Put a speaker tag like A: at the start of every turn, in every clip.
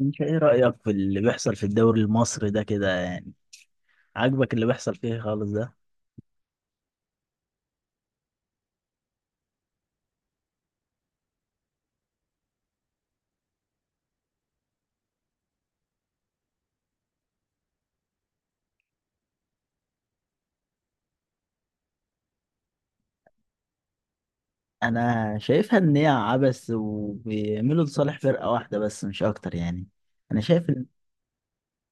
A: انت ايه رأيك في اللي بيحصل في الدوري المصري ده كده يعني؟ عاجبك اللي بيحصل فيه خالص ده؟ انا شايفها ان هي عبث وبيعملوا لصالح فرقة واحدة بس مش اكتر يعني انا شايف ان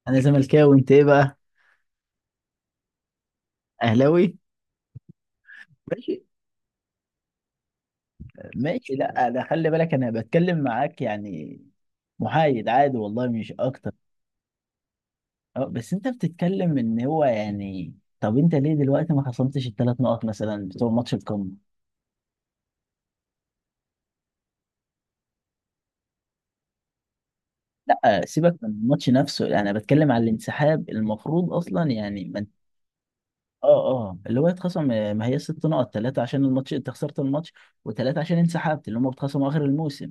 A: انا زملكاوي، انت ايه بقى؟ اهلاوي. ماشي، ماشي. لا ده خلي بالك، انا بتكلم معاك يعني، محايد عادي والله، مش اكتر. اه، بس انت بتتكلم ان هو يعني، طب انت ليه دلوقتي ما خصمتش الثلاث نقط مثلا بتوع ماتش القمة؟ لا سيبك من الماتش نفسه، انا بتكلم على الانسحاب المفروض اصلا يعني من. اه، اه، اللي هو يتخصم. ما هي ست نقط، ثلاثه عشان الماتش انت خسرت الماتش، وثلاثه عشان انسحبت، اللي هم بيتخصموا اخر الموسم.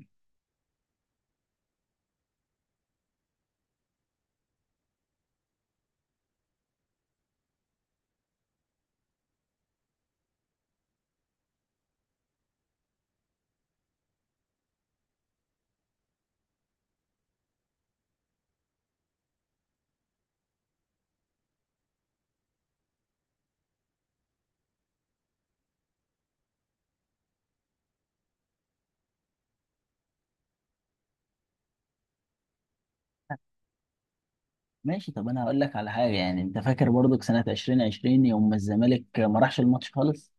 A: ماشي، طب انا هقول لك على حاجه يعني، انت فاكر برضك سنه 2020 يوم ما الزمالك ما راحش الماتش خالص؟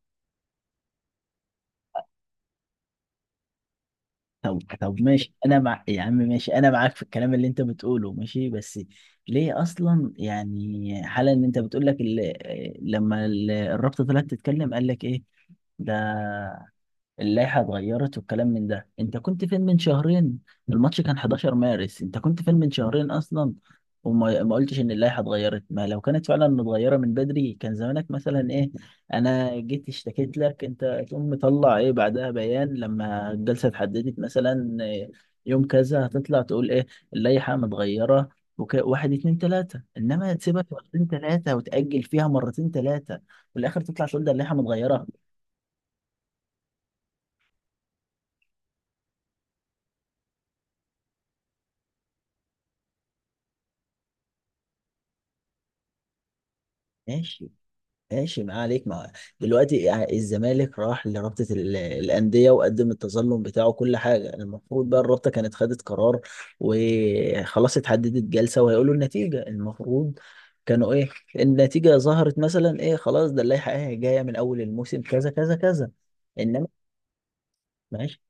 A: طب، طب ماشي، انا مع يا عم، ماشي انا معاك في الكلام اللي انت بتقوله، ماشي بس ليه اصلا يعني حالا ان انت بتقول لك لما الرابطه طلعت تتكلم قال لك ايه؟ ده اللائحة اتغيرت والكلام من ده، انت كنت فين من شهرين؟ الماتش كان 11 مارس، انت كنت فين من شهرين اصلا؟ وما ما قلتش ان اللائحة اتغيرت. ما لو كانت فعلا متغيرة من بدري كان زمانك مثلا ايه؟ انا جيت اشتكيت لك، انت تقوم مطلع ايه بعدها بيان، لما الجلسة اتحددت مثلا يوم كذا هتطلع تقول ايه؟ اللائحة متغيرة. واحد اتنين تلاتة، انما تسيبك مرتين تلاتة وتأجل فيها مرتين تلاتة، وفي الاخر تطلع تقول ده اللائحة متغيرة. ماشي، ماشي ما عليك، ما دلوقتي يعني الزمالك راح لرابطة الأندية وقدم التظلم بتاعه كل حاجة، يعني المفروض بقى الرابطة كانت خدت قرار وخلاص، اتحددت جلسة وهيقولوا النتيجة. المفروض كانوا ايه؟ النتيجة ظهرت مثلا ايه؟ خلاص، ده اللائحة ايه جاية من أول الموسم كذا كذا كذا. إنما ماشي،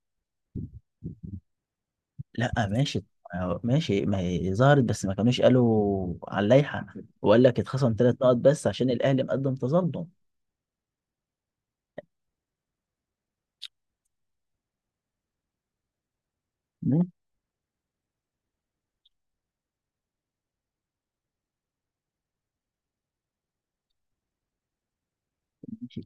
A: لا ماشي، ماشي ما هي ظهرت بس ما كانوش قالوا على اللائحة، وقال لك اتخصم ثلاث نقط بس عشان الأهلي مقدم تظلم. ماشي.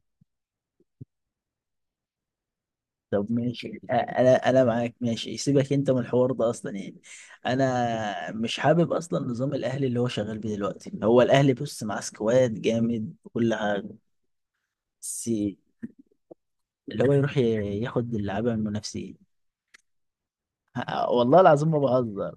A: طب ماشي، انا معاك. ماشي، سيبك انت من الحوار ده اصلا، يعني انا مش حابب اصلا نظام الاهلي اللي هو شغال بيه دلوقتي. هو الاهلي بص مع سكواد جامد كل حاجه، بس اللي هو يروح ياخد اللعيبه من المنافسين. والله العظيم ما بهزر.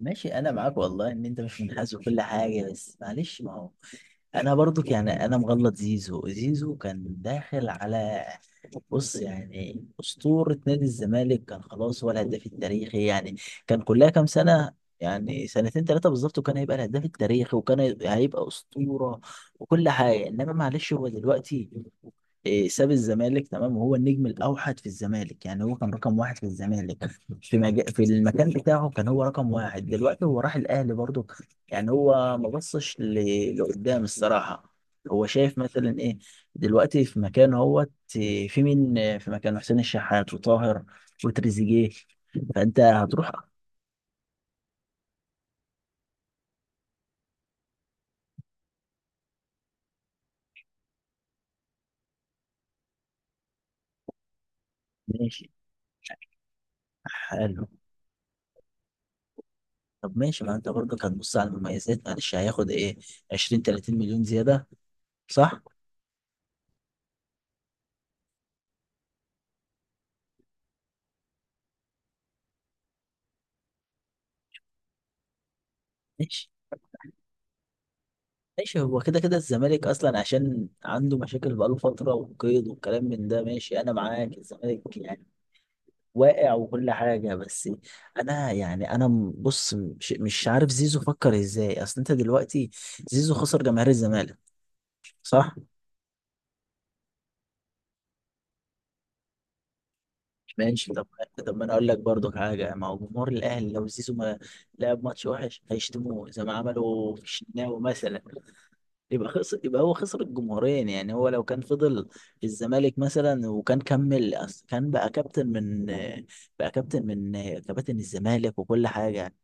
A: ماشي انا معاك والله ان انت مش منحاز وكل حاجه، بس معلش، ما هو انا برضو يعني انا مغلط زيزو. زيزو كان داخل على، بص يعني أسطورة نادي الزمالك. كان خلاص هو الهداف التاريخي يعني، كان كلها كام سنة يعني، سنتين ثلاثة بالظبط، وكان هيبقى الهداف التاريخي وكان هيبقى أسطورة وكل حاجة. إنما معلش هو دلوقتي ساب الزمالك تمام، وهو النجم الأوحد في الزمالك، يعني هو كان رقم واحد في الزمالك في في المكان بتاعه، كان هو رقم واحد. دلوقتي هو راح الأهلي برضه، يعني هو ما بصش لقدام الصراحة. هو شايف مثلا إيه دلوقتي في مكانه هو؟ في مين في مكان حسين الشحات وطاهر وتريزيجيه؟ فانت هتروح. ماشي، حلو. طب ماشي، ما انت برضك هتبص على المميزات، معلش هياخد ايه؟ 20 30 مليون زياده، صح؟ ماشي، ماشي، هو كده كده الزمالك اصلا عشان عنده مشاكل بقاله فتره وقيد والكلام من ده. ماشي انا معاك، الزمالك يعني واقع وكل حاجه، بس انا يعني انا بص، مش عارف زيزو فكر ازاي، اصل انت دلوقتي زيزو خسر جماهير الزمالك، صح؟ ماشي، طب، طب ما انا اقول لك برضو حاجه، ما هو جمهور الاهلي لو زيزو ما لعب ماتش وحش هيشتموه زي ما عملوا في الشناوي مثلا. يبقى خسر، يبقى هو خسر الجمهورين، يعني هو لو كان فضل في الزمالك مثلا وكان كمل، أصل كان بقى كابتن من كباتن الزمالك وكل حاجه.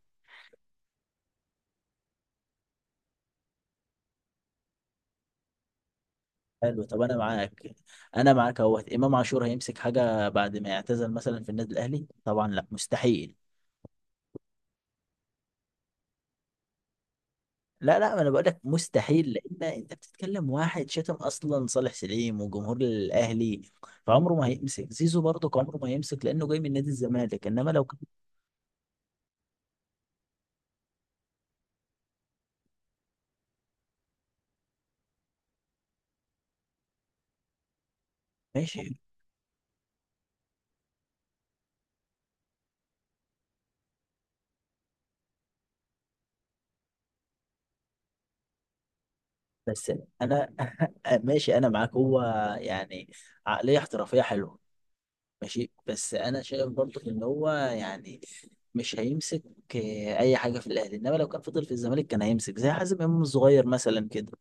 A: حلو، طب انا معاك اهوت امام عاشور هيمسك حاجه بعد ما يعتزل مثلا في النادي الاهلي؟ طبعا لا، مستحيل. لا، لا، ما انا بقول لك مستحيل، لان انت بتتكلم واحد شتم اصلا صالح سليم وجمهور الاهلي، فعمره ما هيمسك. زيزو برضه عمره ما هيمسك لانه جاي من نادي الزمالك، انما لو كان ماشي. بس انا ماشي انا معاك، هو يعني عقليه احترافيه حلوه، ماشي. بس انا شايف برضه ان هو يعني مش هيمسك اي حاجه في الاهلي، انما لو كان فضل في الزمالك كان هيمسك زي حازم امام الصغير مثلا كده،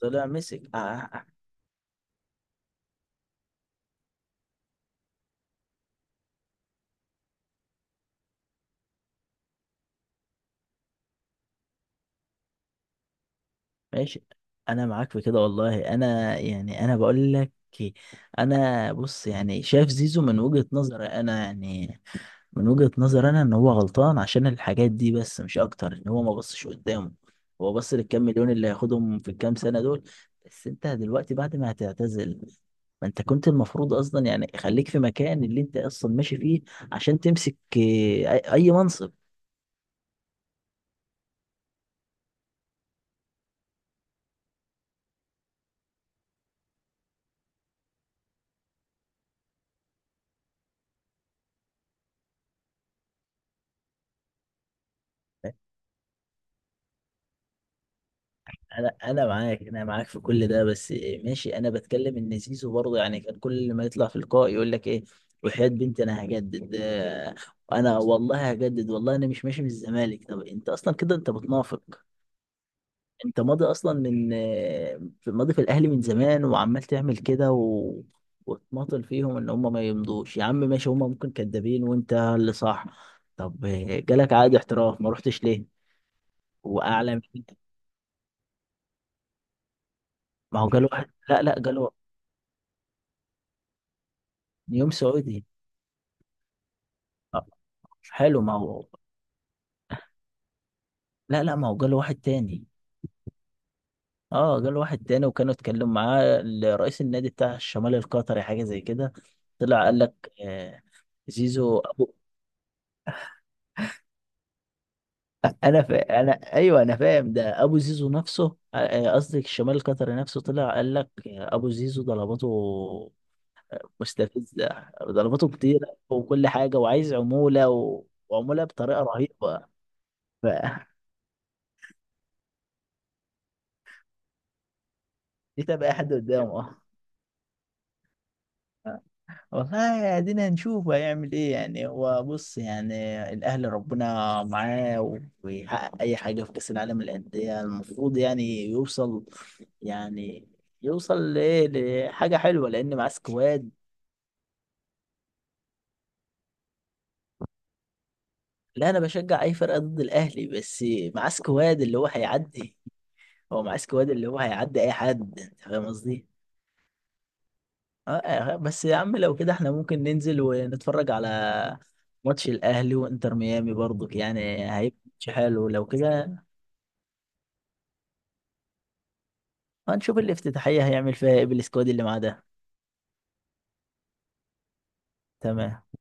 A: طلع مسك. ماشي انا معاك في كده والله، انا يعني انا بقول لك، انا بص يعني شايف زيزو من وجهة نظري انا يعني من وجهة نظري انا ان هو غلطان عشان الحاجات دي، بس مش اكتر، ان هو ما بصش قدامه. هو بص للكام مليون اللي هياخدهم في الكام سنة دول، بس انت دلوقتي بعد ما هتعتزل، ما انت كنت المفروض اصلا يعني خليك في مكان اللي انت اصلا ماشي فيه عشان تمسك أي منصب. انا انا معاك في كل ده، بس ماشي، انا بتكلم ان زيزو برضه يعني كان كل ما يطلع في اللقاء يقول لك ايه؟ وحياة بنتي انا هجدد، انا والله هجدد، والله انا مش ماشي من الزمالك. طب انت اصلا كده انت بتنافق، انت ماضي اصلا من آه، في- ماضي في الاهلي من زمان، وعمال تعمل كده وتماطل فيهم ان هم ما يمضوش. يا عم ماشي، هم ممكن كدابين وانت اللي صح. طب، جالك عقد احتراف ما رحتش ليه؟ واعلى من، ما هو جاله واحد. لا، لا، جاله نيوم سعودي. آه، حلو ما هو. لا، لا، ما هو جاله واحد تاني. اه، جاله واحد تاني، وكانوا اتكلموا معاه رئيس النادي بتاع الشمال القطري، حاجة زي كده. طلع قال لك، زيزو ابو. انا انا ايوه انا فاهم، ده ابو زيزو نفسه. قصدي الشمال القطري نفسه طلع قال لك، ابو زيزو ضرباته مستفزة، ضرباته كتيرة وكل حاجة، وعايز عمولة وعمولة بطريقة رهيبة. فدي تبقى أي حد قدامه. آه. والله ادينا نشوف هيعمل ايه، يعني هو بص يعني الاهلي ربنا معاه ويحقق اي حاجه في كاس العالم للانديه. المفروض يعني يوصل، يعني يوصل لحاجه حلوه لان معاه سكواد. لا، انا بشجع اي فرقه ضد الاهلي، بس معاه سكواد اللي هو هيعدي. هو معاه سكواد اللي هو هيعدي اي حد، انت فاهم قصدي؟ بس يا عم لو كده احنا ممكن ننزل ونتفرج على ماتش الاهلي وانتر ميامي، برضو يعني هيبقى ماتش حلو لو كده. هنشوف الافتتاحية هيعمل فيها ايه بالسكواد اللي معاه ده. تمام.